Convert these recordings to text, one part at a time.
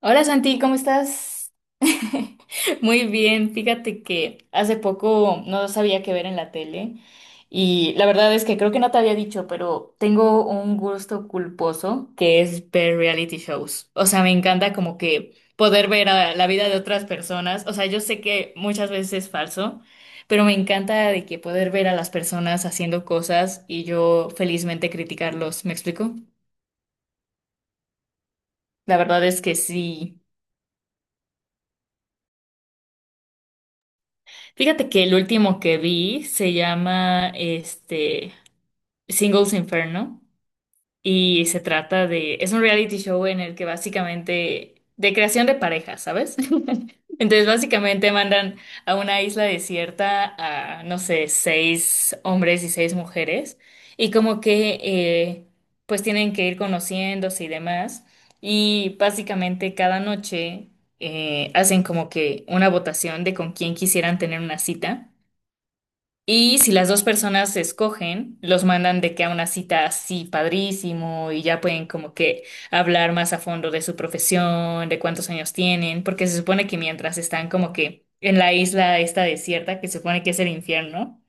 Hola Santi, ¿cómo estás? Muy bien, fíjate que hace poco no sabía qué ver en la tele y la verdad es que creo que no te había dicho, pero tengo un gusto culposo que es ver reality shows. O sea, me encanta como que poder ver a la vida de otras personas. O sea, yo sé que muchas veces es falso, pero me encanta de que poder ver a las personas haciendo cosas y yo felizmente criticarlos. ¿Me explico? La verdad es que sí. Fíjate que el último que vi se llama este Singles Inferno y se trata de, es un reality show en el que básicamente de creación de parejas, ¿sabes? Entonces básicamente mandan a una isla desierta a, no sé, seis hombres y seis mujeres y como que pues tienen que ir conociéndose y demás y básicamente cada noche hacen como que una votación de con quién quisieran tener una cita. Y si las dos personas se escogen, los mandan de que a una cita así padrísimo y ya pueden como que hablar más a fondo de su profesión, de cuántos años tienen, porque se supone que mientras están como que en la isla esta desierta, que se supone que es el infierno,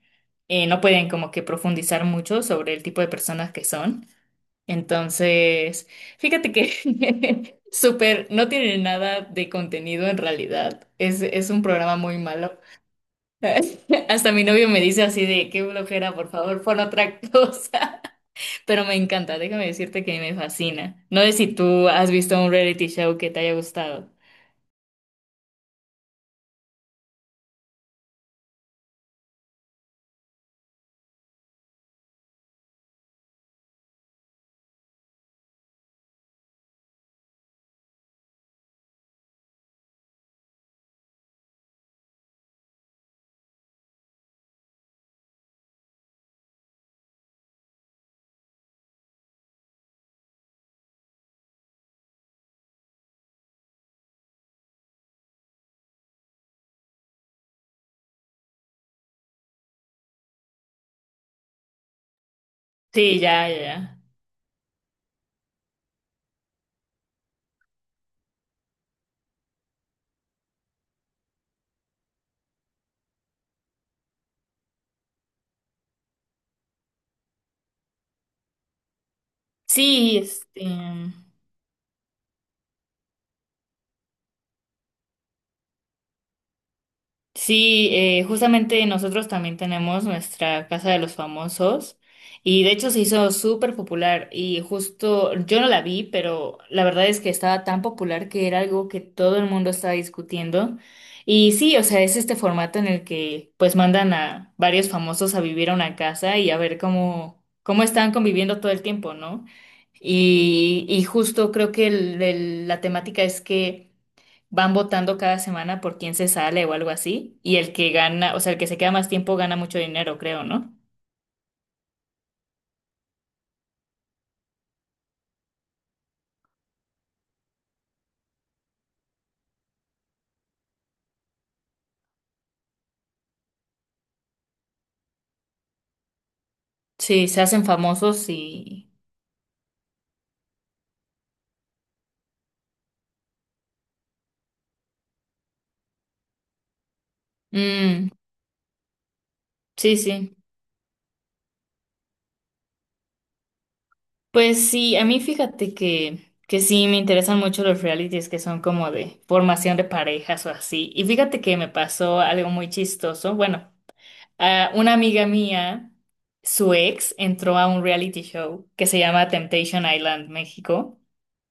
no pueden como que profundizar mucho sobre el tipo de personas que son. Entonces, fíjate que súper, no tiene nada de contenido en realidad. Es un programa muy malo. Hasta mi novio me dice así de qué flojera, por favor, pon otra cosa. Pero me encanta, déjame decirte que me fascina. No sé si tú has visto un reality show que te haya gustado. Sí, ya, ya, ya. Sí, este. Sí, justamente nosotros también tenemos nuestra Casa de los Famosos y de hecho se hizo súper popular y justo yo no la vi, pero la verdad es que estaba tan popular que era algo que todo el mundo estaba discutiendo. Y sí, o sea, es este formato en el que pues mandan a varios famosos a vivir a una casa y a ver cómo, cómo están conviviendo todo el tiempo, ¿no? Y justo creo que la temática es que van votando cada semana por quién se sale o algo así, y el que gana, o sea, el que se queda más tiempo gana mucho dinero, creo, ¿no? Sí, se hacen famosos y... Mm, sí, sí. Pues sí, a mí fíjate que sí me interesan mucho los realities que son como de formación de parejas o así. Y fíjate que me pasó algo muy chistoso. Bueno, ah, una amiga mía, su ex, entró a un reality show que se llama Temptation Island México,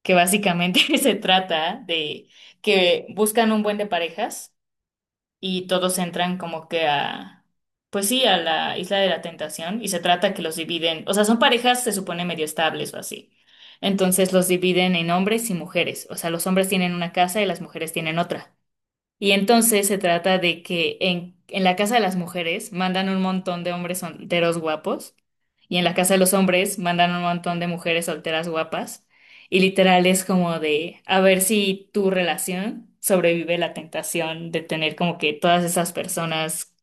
que básicamente se trata de que buscan un buen de parejas y todos entran como que a, pues sí, a la isla de la tentación y se trata que los dividen, o sea, son parejas, se supone medio estables o así. Entonces los dividen en hombres y mujeres, o sea, los hombres tienen una casa y las mujeres tienen otra. Y entonces se trata de que en la casa de las mujeres mandan un montón de hombres solteros guapos y en la casa de los hombres mandan un montón de mujeres solteras guapas. Y literal es como de a ver si tu relación sobrevive la tentación de tener como que todas esas personas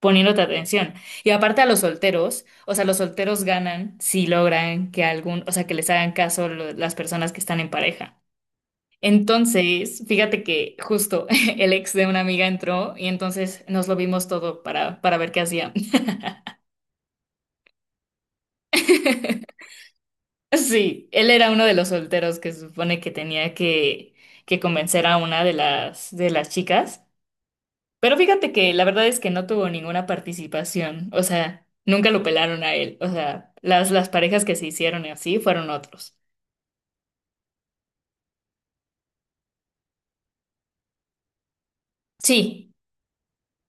poniéndote atención. Y aparte a los solteros, o sea, los solteros ganan si logran que algún, o sea, que les hagan caso las personas que están en pareja. Entonces, fíjate que justo el ex de una amiga entró y entonces nos lo vimos todo para ver qué hacía. Sí, él era uno de los solteros que se supone que tenía que convencer a una de de las chicas. Pero fíjate que la verdad es que no tuvo ninguna participación. O sea, nunca lo pelaron a él. O sea, las parejas que se hicieron y así fueron otros. Sí,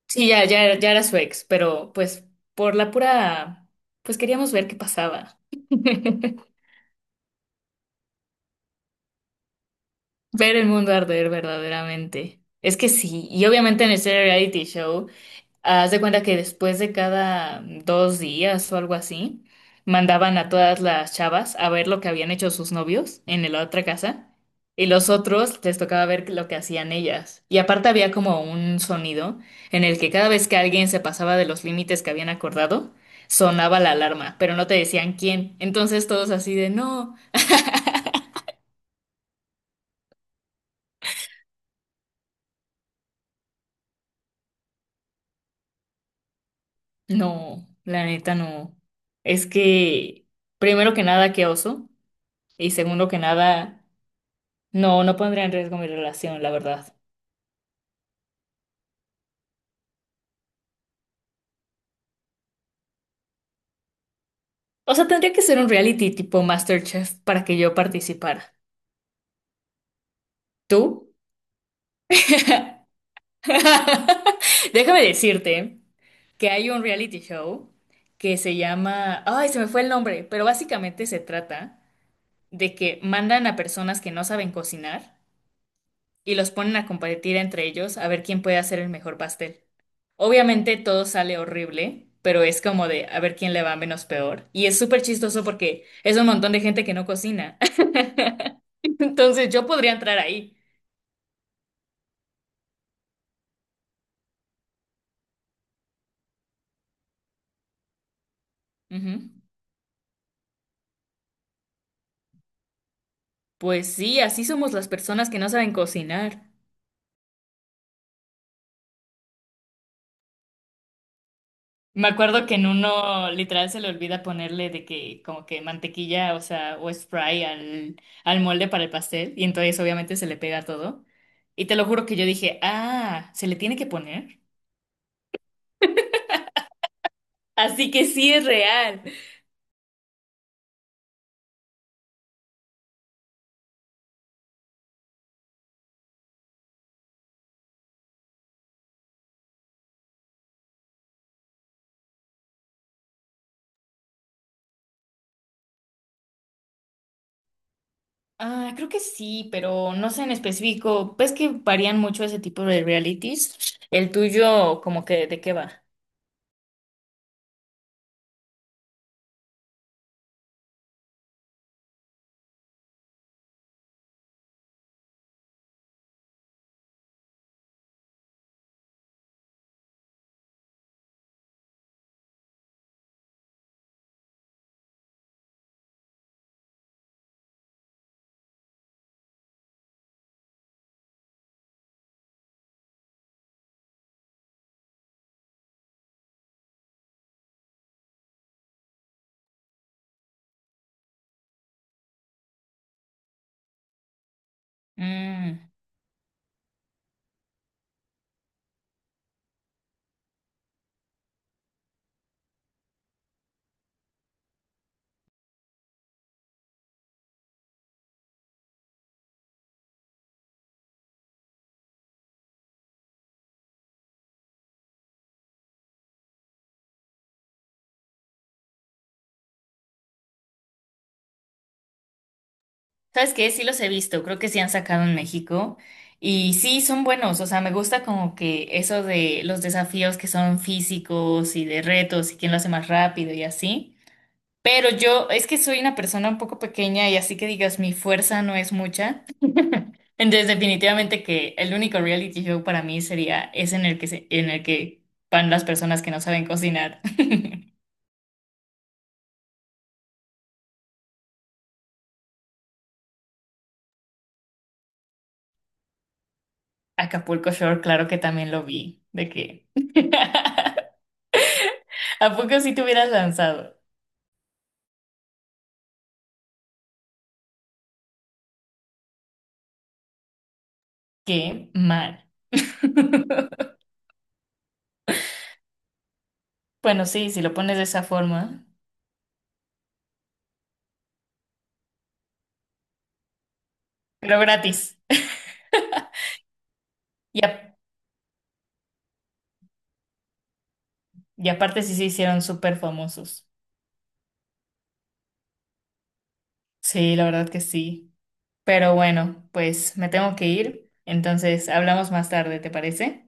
sí, ya, ya, ya era su ex, pero pues por la pura, pues queríamos ver qué pasaba. Ver el mundo arder verdaderamente. Es que sí, y obviamente en ese reality show, haz de cuenta que después de cada dos días o algo así, mandaban a todas las chavas a ver lo que habían hecho sus novios en la otra casa, y los otros les tocaba ver lo que hacían ellas. Y aparte había como un sonido en el que cada vez que alguien se pasaba de los límites que habían acordado, sonaba la alarma, pero no te decían quién. Entonces todos así de no. No, la neta no. Es que, primero que nada, qué oso. Y segundo que nada, no, no pondría en riesgo mi relación, la verdad. O sea, tendría que ser un reality tipo MasterChef para que yo participara. ¿Tú? Déjame decirte que hay un reality show que se llama... Ay, se me fue el nombre, pero básicamente se trata de que mandan a personas que no saben cocinar y los ponen a competir entre ellos a ver quién puede hacer el mejor pastel. Obviamente todo sale horrible, pero es como de a ver quién le va menos peor. Y es súper chistoso porque es un montón de gente que no cocina. Entonces yo podría entrar ahí. Ujú. Pues sí, así somos las personas que no saben cocinar. Me acuerdo que en uno literal se le olvida ponerle de que como que mantequilla, o sea, o spray al molde para el pastel y entonces obviamente se le pega todo. Y te lo juro que yo dije, ah, ¿se le tiene que poner? Así que sí es real. Ah, creo que sí, pero no sé en específico. Ves que varían mucho ese tipo de realities. El tuyo, como que, ¿de qué va? Mm, ¿sabes qué? Sí los he visto, creo que sí han sacado en México. Y sí, son buenos, o sea, me gusta como que eso de los desafíos que son físicos y de retos y quién lo hace más rápido y así. Pero yo, es que soy una persona un poco pequeña y así que digas, mi fuerza no es mucha. Entonces, definitivamente que el único reality show para mí sería ese en el que en el que van las personas que no saben cocinar. Acapulco Shore, claro que también lo vi. ¿De qué? ¿A poco si te hubieras lanzado? Qué mal. Bueno, sí, si lo pones de esa forma, pero gratis. Y, a- y aparte sí se hicieron súper famosos. Sí, la verdad que sí. Pero bueno, pues me tengo que ir. Entonces, hablamos más tarde, ¿te parece?